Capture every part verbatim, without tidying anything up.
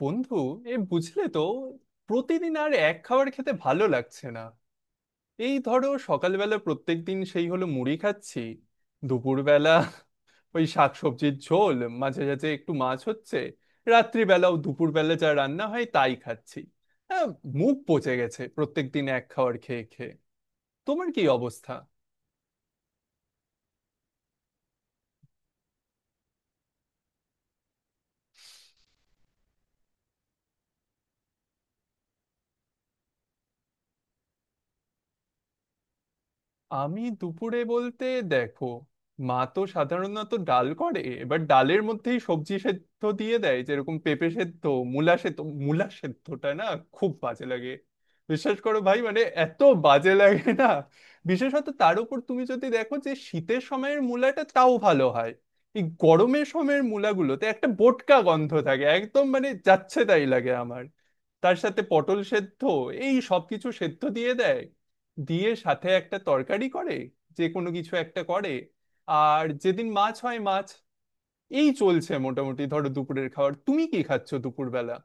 বন্ধু এ বুঝলে তো, প্রতিদিন আর এক খাবার খেতে ভালো লাগছে না। এই ধরো, সকালবেলা প্রত্যেকদিন সেই হলো মুড়ি খাচ্ছি। দুপুরবেলা ওই শাকসবজির ঝোল, মাঝে মাঝে একটু মাছ হচ্ছে। রাত্রিবেলাও দুপুরবেলা যা রান্না হয় তাই খাচ্ছি। হ্যাঁ, মুখ পচে গেছে প্রত্যেকদিন এক খাবার খেয়ে খেয়ে। তোমার কি অবস্থা? আমি দুপুরে বলতে, দেখো, মা তো সাধারণত ডাল করে, এবার ডালের মধ্যেই সবজি সেদ্ধ দিয়ে দেয়, যেরকম পেঁপে সেদ্ধ, মূলা সেদ্ধ। মূলা সেদ্ধটা না খুব বাজে লাগে, বিশ্বাস করো ভাই, মানে এত বাজে লাগে না। বিশেষত তার উপর তুমি যদি দেখো, যে শীতের সময়ের মূলাটা তাও ভালো হয়, এই গরমের সময়ের মূলাগুলোতে একটা বোটকা গন্ধ থাকে, একদম মানে যাচ্ছে তাই লাগে আমার। তার সাথে পটল সেদ্ধ, এই সবকিছু সেদ্ধ দিয়ে দেয়, দিয়ে সাথে একটা তরকারি করে, যে কোনো কিছু একটা করে। আর যেদিন মাছ হয় মাছ। এই চলছে মোটামুটি, ধরো দুপুরের খাবার। তুমি কি খাচ্ছ দুপুরবেলা?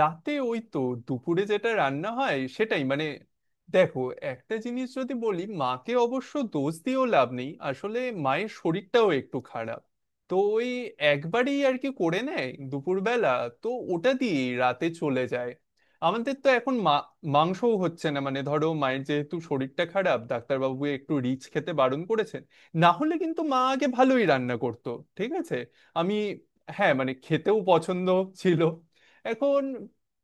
রাতে ওই তো দুপুরে যেটা রান্না হয় সেটাই, মানে, দেখো, একটা জিনিস যদি বলি, মাকে অবশ্য দোষ দিয়েও লাভ নেই আসলে, মায়ের শরীরটাও একটু খারাপ। তো ওই একবারই আর কি করে নেয় দুপুরবেলা, তো ওটা দিয়ে রাতে চলে যায়। আমাদের তো এখন মা, মাংসও হচ্ছে না, মানে ধরো মায়ের যেহেতু শরীরটা খারাপ, ডাক্তারবাবু একটু রিচ খেতে বারণ করেছেন। না হলে কিন্তু মা আগে ভালোই রান্না করতো, ঠিক আছে। আমি, হ্যাঁ মানে, খেতেও পছন্দ ছিল। এখন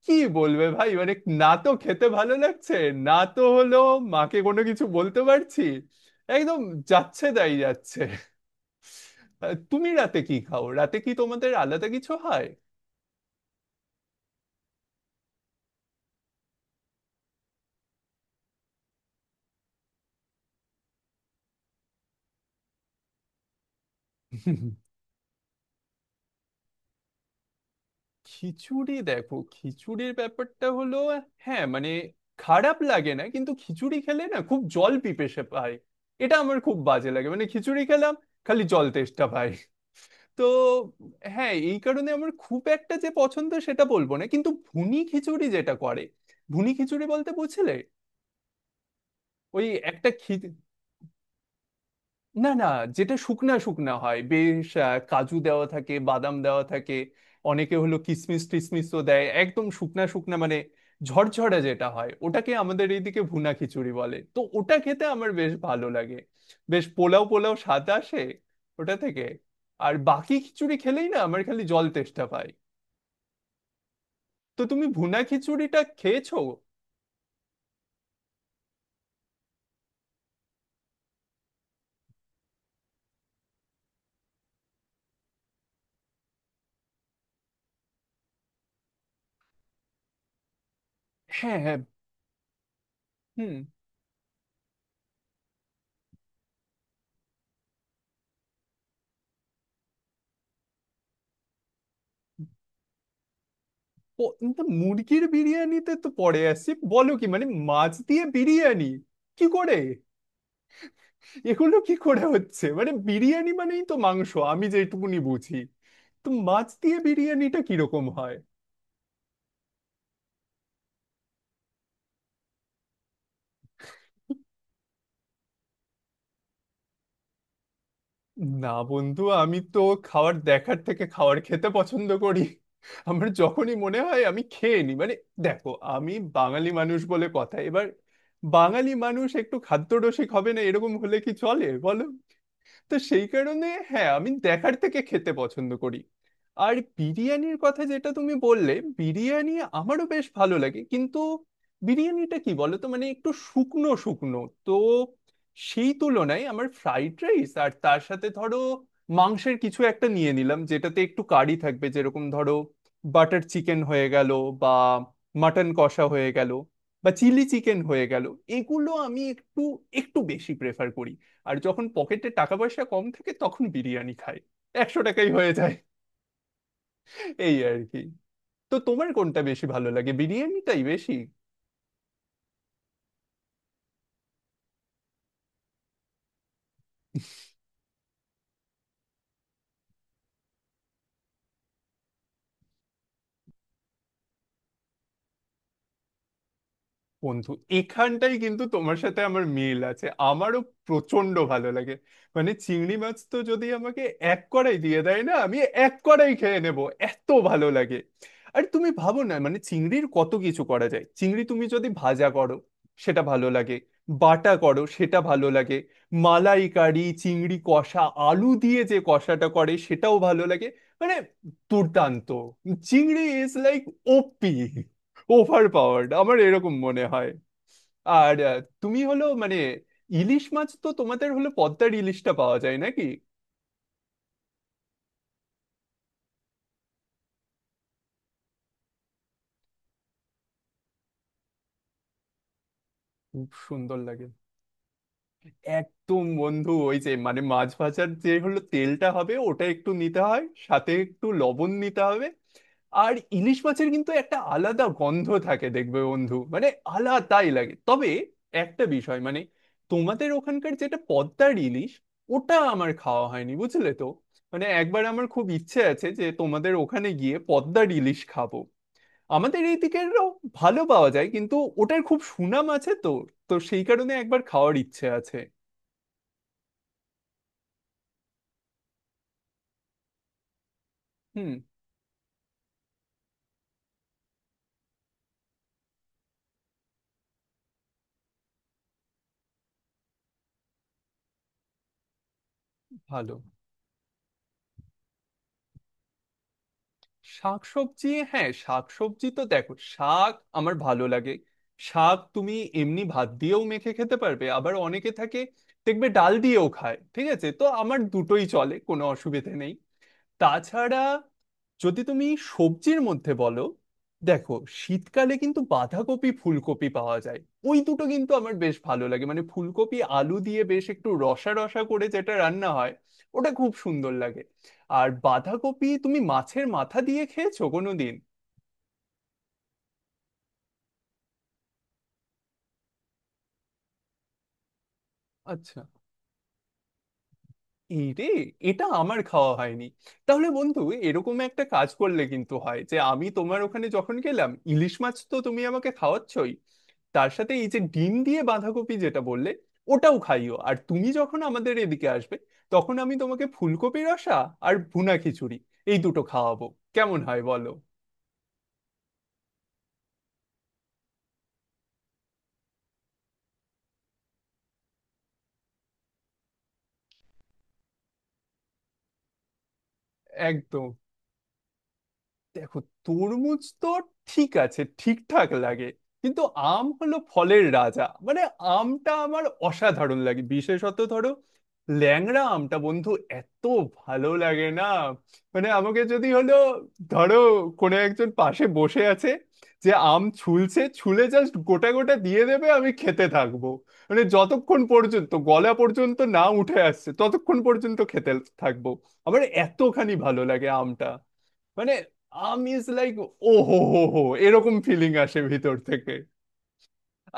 কি বলবে ভাই, মানে, না তো খেতে ভালো লাগছে, না তো হলো মাকে কোনো কিছু বলতে পারছি। একদম যাচ্ছে তাই যাচ্ছে। আহ, তুমি রাতে কি খাও? রাতে কি তোমাদের আলাদা কিছু হয়? খিচুড়ি দেখো, খিচুড়ির ব্যাপারটা হলো, হ্যাঁ মানে খারাপ লাগে না, কিন্তু খিচুড়ি খেলে না খুব জল পিপেসে পায়। এটা আমার খুব বাজে লাগে, মানে খিচুড়ি খেলাম, খালি জল তেষ্টা পায়। তো হ্যাঁ, এই কারণে আমার খুব একটা যে পছন্দ সেটা বলবো না, কিন্তু ভুনি খিচুড়ি যেটা করে, ভুনি খিচুড়ি বলতে বুঝলে, ওই একটা খি না না, যেটা শুকনা শুকনা হয় বেশ, আহ, কাজু দেওয়া থাকে, বাদাম দেওয়া থাকে, অনেকে হলো কিশমিশ টিশমিশও দেয়, একদম শুকনা শুকনা, মানে ঝরঝরা যেটা হয় ওটাকে আমাদের এইদিকে ভুনা খিচুড়ি বলে। তো ওটা খেতে আমার বেশ ভালো লাগে, বেশ পোলাও পোলাও স্বাদ আসে ওটা থেকে। আর বাকি খিচুড়ি খেলেই না আমার খালি জল তেষ্টা পায়। তো তুমি ভুনা খিচুড়িটা খেয়েছো? হ্যাঁ, হ্যাঁ। হুম। প- কিন্তু মুরগির বিরিয়ানিতে তো পরে আসি, বলো কি, মানে মাছ দিয়ে বিরিয়ানি কি করে, এগুলো কি করে হচ্ছে? মানে বিরিয়ানি মানেই তো মাংস আমি যেটুকুনি বুঝি। তো মাছ দিয়ে বিরিয়ানিটা কিরকম হয়? না বন্ধু, আমি তো খাবার দেখার থেকে খাবার খেতে পছন্দ করি। আমার যখনই মনে হয় আমি খেয়ে নিই, মানে দেখো, আমি বাঙালি মানুষ বলে কথা। এবার বাঙালি মানুষ একটু খাদ্যরসিক হবে না, এরকম হলে কি চলে বলো? তো সেই কারণে হ্যাঁ, আমি দেখার থেকে খেতে পছন্দ করি। আর বিরিয়ানির কথা যেটা তুমি বললে, বিরিয়ানি আমারও বেশ ভালো লাগে, কিন্তু বিরিয়ানিটা কি বলো তো, মানে একটু শুকনো শুকনো। তো সেই তুলনায় আমার ফ্রাইড রাইস, আর তার সাথে ধরো মাংসের কিছু একটা নিয়ে নিলাম যেটাতে একটু কারি থাকবে, যেরকম ধরো বাটার চিকেন হয়ে গেল, বা মাটন কষা হয়ে গেল, বা চিলি চিকেন হয়ে গেল, এগুলো আমি একটু একটু বেশি প্রেফার করি। আর যখন পকেটে টাকা পয়সা কম থাকে তখন বিরিয়ানি খাই, একশো টাকাই হয়ে যায়, এই আর কি। তো তোমার কোনটা বেশি ভালো লাগে, বিরিয়ানিটাই বেশি? বন্ধু, এখানটাই কিন্তু তোমার সাথে আমার মিল আছে, আমারও প্রচন্ড ভালো লাগে। মানে চিংড়ি মাছ তো যদি আমাকে এক কড়াই দিয়ে দেয় না, আমি এক কড়াই খেয়ে নেব, এত ভালো লাগে। আর তুমি ভাবো না, মানে চিংড়ির কত কিছু করা যায়। চিংড়ি তুমি যদি ভাজা করো সেটা ভালো লাগে, বাটা করো সেটা ভালো লাগে, মালাই কারি, চিংড়ি কষা, আলু দিয়ে যে কষাটা করে সেটাও ভালো লাগে, মানে দুর্দান্ত। চিংড়ি is like O P, overpowered, আমার এরকম মনে হয়। আর আহ, তুমি হলো, মানে ইলিশ মাছ তো তোমাদের হলো, পদ্মার ইলিশটা পাওয়া যায় নাকি? খুব সুন্দর লাগে, একদম বন্ধু। ওই যে মানে মাছ ভাজার যে হলো তেলটা হবে, ওটা একটু নিতে হয়, সাথে একটু লবণ নিতে হবে। আর ইলিশ মাছের কিন্তু একটা আলাদা গন্ধ থাকে, দেখবে বন্ধু, মানে আলাদাই লাগে। তবে একটা বিষয়, মানে তোমাদের ওখানকার যেটা পদ্মার ইলিশ, ওটা আমার খাওয়া হয়নি, বুঝলে তো। মানে একবার আমার খুব ইচ্ছে আছে যে তোমাদের ওখানে গিয়ে পদ্মার ইলিশ খাবো। আমাদের এইদিকেরও ভালো পাওয়া যায়, কিন্তু ওটার খুব সুনাম আছে, তো তো সেই কারণে একবার খাওয়ার ইচ্ছে আছে। হুম। ভালো। শাকসবজি, হ্যাঁ শাকসবজি তো, দেখো, শাক আমার ভালো লাগে। শাক তুমি এমনি ভাত দিয়েও মেখে খেতে পারবে, আবার অনেকে থাকে দেখবে ডাল দিয়েও খায়, ঠিক আছে, তো আমার দুটোই চলে, কোনো অসুবিধে নেই। তাছাড়া যদি তুমি সবজির মধ্যে বলো, দেখো, শীতকালে কিন্তু বাঁধাকপি ফুলকপি পাওয়া যায়, ওই দুটো কিন্তু আমার বেশ ভালো লাগে, মানে ফুলকপি আলু দিয়ে বেশ একটু রসা রসা করে যেটা রান্না হয়, ওটা খুব সুন্দর লাগে। আর বাঁধাকপি তুমি মাছের মাথা দিয়ে খেয়েছো কোনোদিন? আচ্ছা, এই রে, এটা আমার খাওয়া হয়নি। তাহলে বন্ধু, এরকম একটা কাজ করলে কিন্তু হয়, যে আমি তোমার ওখানে যখন গেলাম, ইলিশ মাছ তো তুমি আমাকে খাওয়াচ্ছই, তার সাথে এই যে ডিম দিয়ে বাঁধাকপি যেটা বললে, ওটাও খাইও। আর তুমি যখন আমাদের এদিকে আসবে, তখন আমি তোমাকে ফুলকপি রসা আর ভুনা খিচুড়ি, এই দুটো খাওয়াবো। কেমন হয় বলো? একদম। দেখো, তরমুজ তো ঠিক আছে, ঠিকঠাক লাগে, কিন্তু আম হলো ফলের রাজা, মানে আমটা আমার অসাধারণ লাগে। বিশেষত ধরো, ল্যাংড়া আমটা, বন্ধু এত ভালো লাগে না, মানে আমাকে যদি হলো, ধরো কোনো একজন পাশে বসে আছে যে আম ছুলছে, ছুলে জাস্ট গোটা গোটা দিয়ে দেবে, আমি খেতে থাকবো, মানে যতক্ষণ পর্যন্ত গলা পর্যন্ত না উঠে আসছে ততক্ষণ পর্যন্ত খেতে থাকবো। আমার এতখানি ভালো লাগে আমটা, মানে আমি ইজ লাইক, ও হো হো হো, এরকম ফিলিং আসে ভিতর থেকে।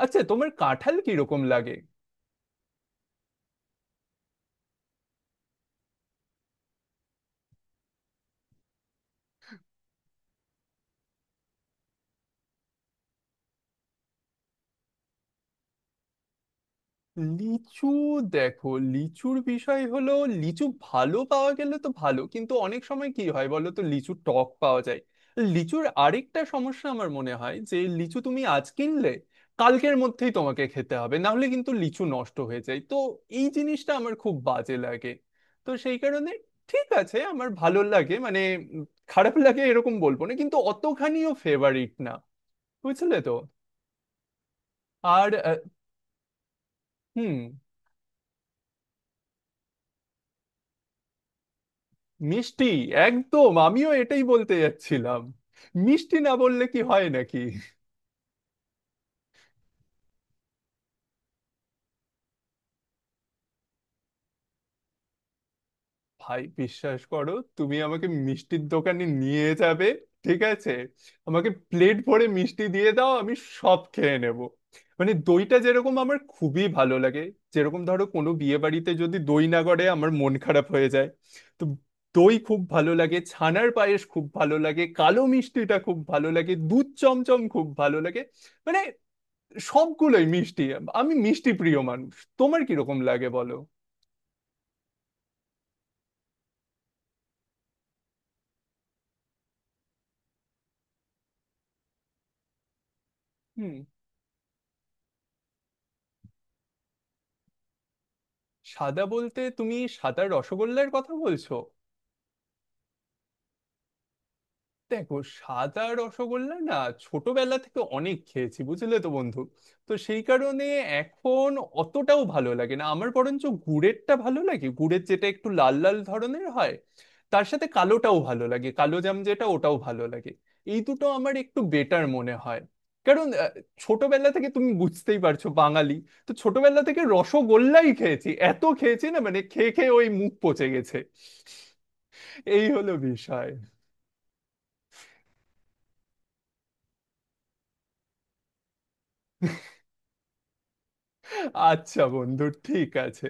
আচ্ছা, তোমার কাঁঠাল কিরকম লাগে? লিচু, দেখো, লিচুর বিষয় হলো, লিচু ভালো পাওয়া গেলে তো ভালো, কিন্তু অনেক সময় কি হয় বলো তো, লিচু টক পাওয়া যায়। লিচুর আরেকটা সমস্যা আমার মনে হয়, যে লিচু তুমি আজ কিনলে কালকের মধ্যেই তোমাকে খেতে হবে, না হলে কিন্তু লিচু নষ্ট হয়ে যায়, তো এই জিনিসটা আমার খুব বাজে লাগে। তো সেই কারণে ঠিক আছে, আমার ভালো লাগে, মানে, উম, খারাপ লাগে এরকম বলবো না, কিন্তু অতখানিও ফেভারিট না, বুঝলে তো। আর আহ, হুম। মিষ্টি, একদম, আমিও এটাই বলতে যাচ্ছিলাম। মিষ্টি না বললে কি হয় নাকি? ভাই বিশ্বাস করো, তুমি আমাকে মিষ্টির দোকানে নিয়ে যাবে, ঠিক আছে, আমাকে প্লেট ভরে মিষ্টি দিয়ে দাও, আমি সব খেয়ে নেব। মানে দইটা যেরকম আমার খুবই ভালো লাগে, যেরকম ধরো কোনো বিয়ে বাড়িতে যদি দই না করে আমার মন খারাপ হয়ে যায়। তো দই খুব ভালো লাগে, ছানার পায়েস খুব ভালো লাগে, কালো মিষ্টিটা খুব ভালো লাগে, দুধ চমচম খুব ভালো লাগে, মানে সবগুলোই মিষ্টি। আমি মিষ্টি প্রিয় মানুষ। তোমার কিরকম লাগে বলো? হুম। সাদা বলতে তুমি সাদা রসগোল্লার কথা বলছো? দেখো, সাদা রসগোল্লা না ছোটবেলা থেকে অনেক খেয়েছি, বুঝলে তো বন্ধু। তো সেই কারণে এখন অতটাও ভালো লাগে না আমার, বরঞ্চ গুড়েরটা ভালো লাগে, গুড়ের যেটা একটু লাল লাল ধরনের হয়। তার সাথে কালোটাও ভালো লাগে, কালো জাম যেটা ওটাও ভালো লাগে। এই দুটো আমার একটু বেটার মনে হয়। কারণ আহ, ছোটবেলা থেকে তুমি বুঝতেই পারছো বাঙালি, তো ছোটবেলা থেকে রসগোল্লাই খেয়েছি, এত খেয়েছি, না মানে খেয়ে খেয়ে ওই মুখ পচে গেছে। এই হলো বিষয়। আচ্ছা বন্ধু, ঠিক আছে।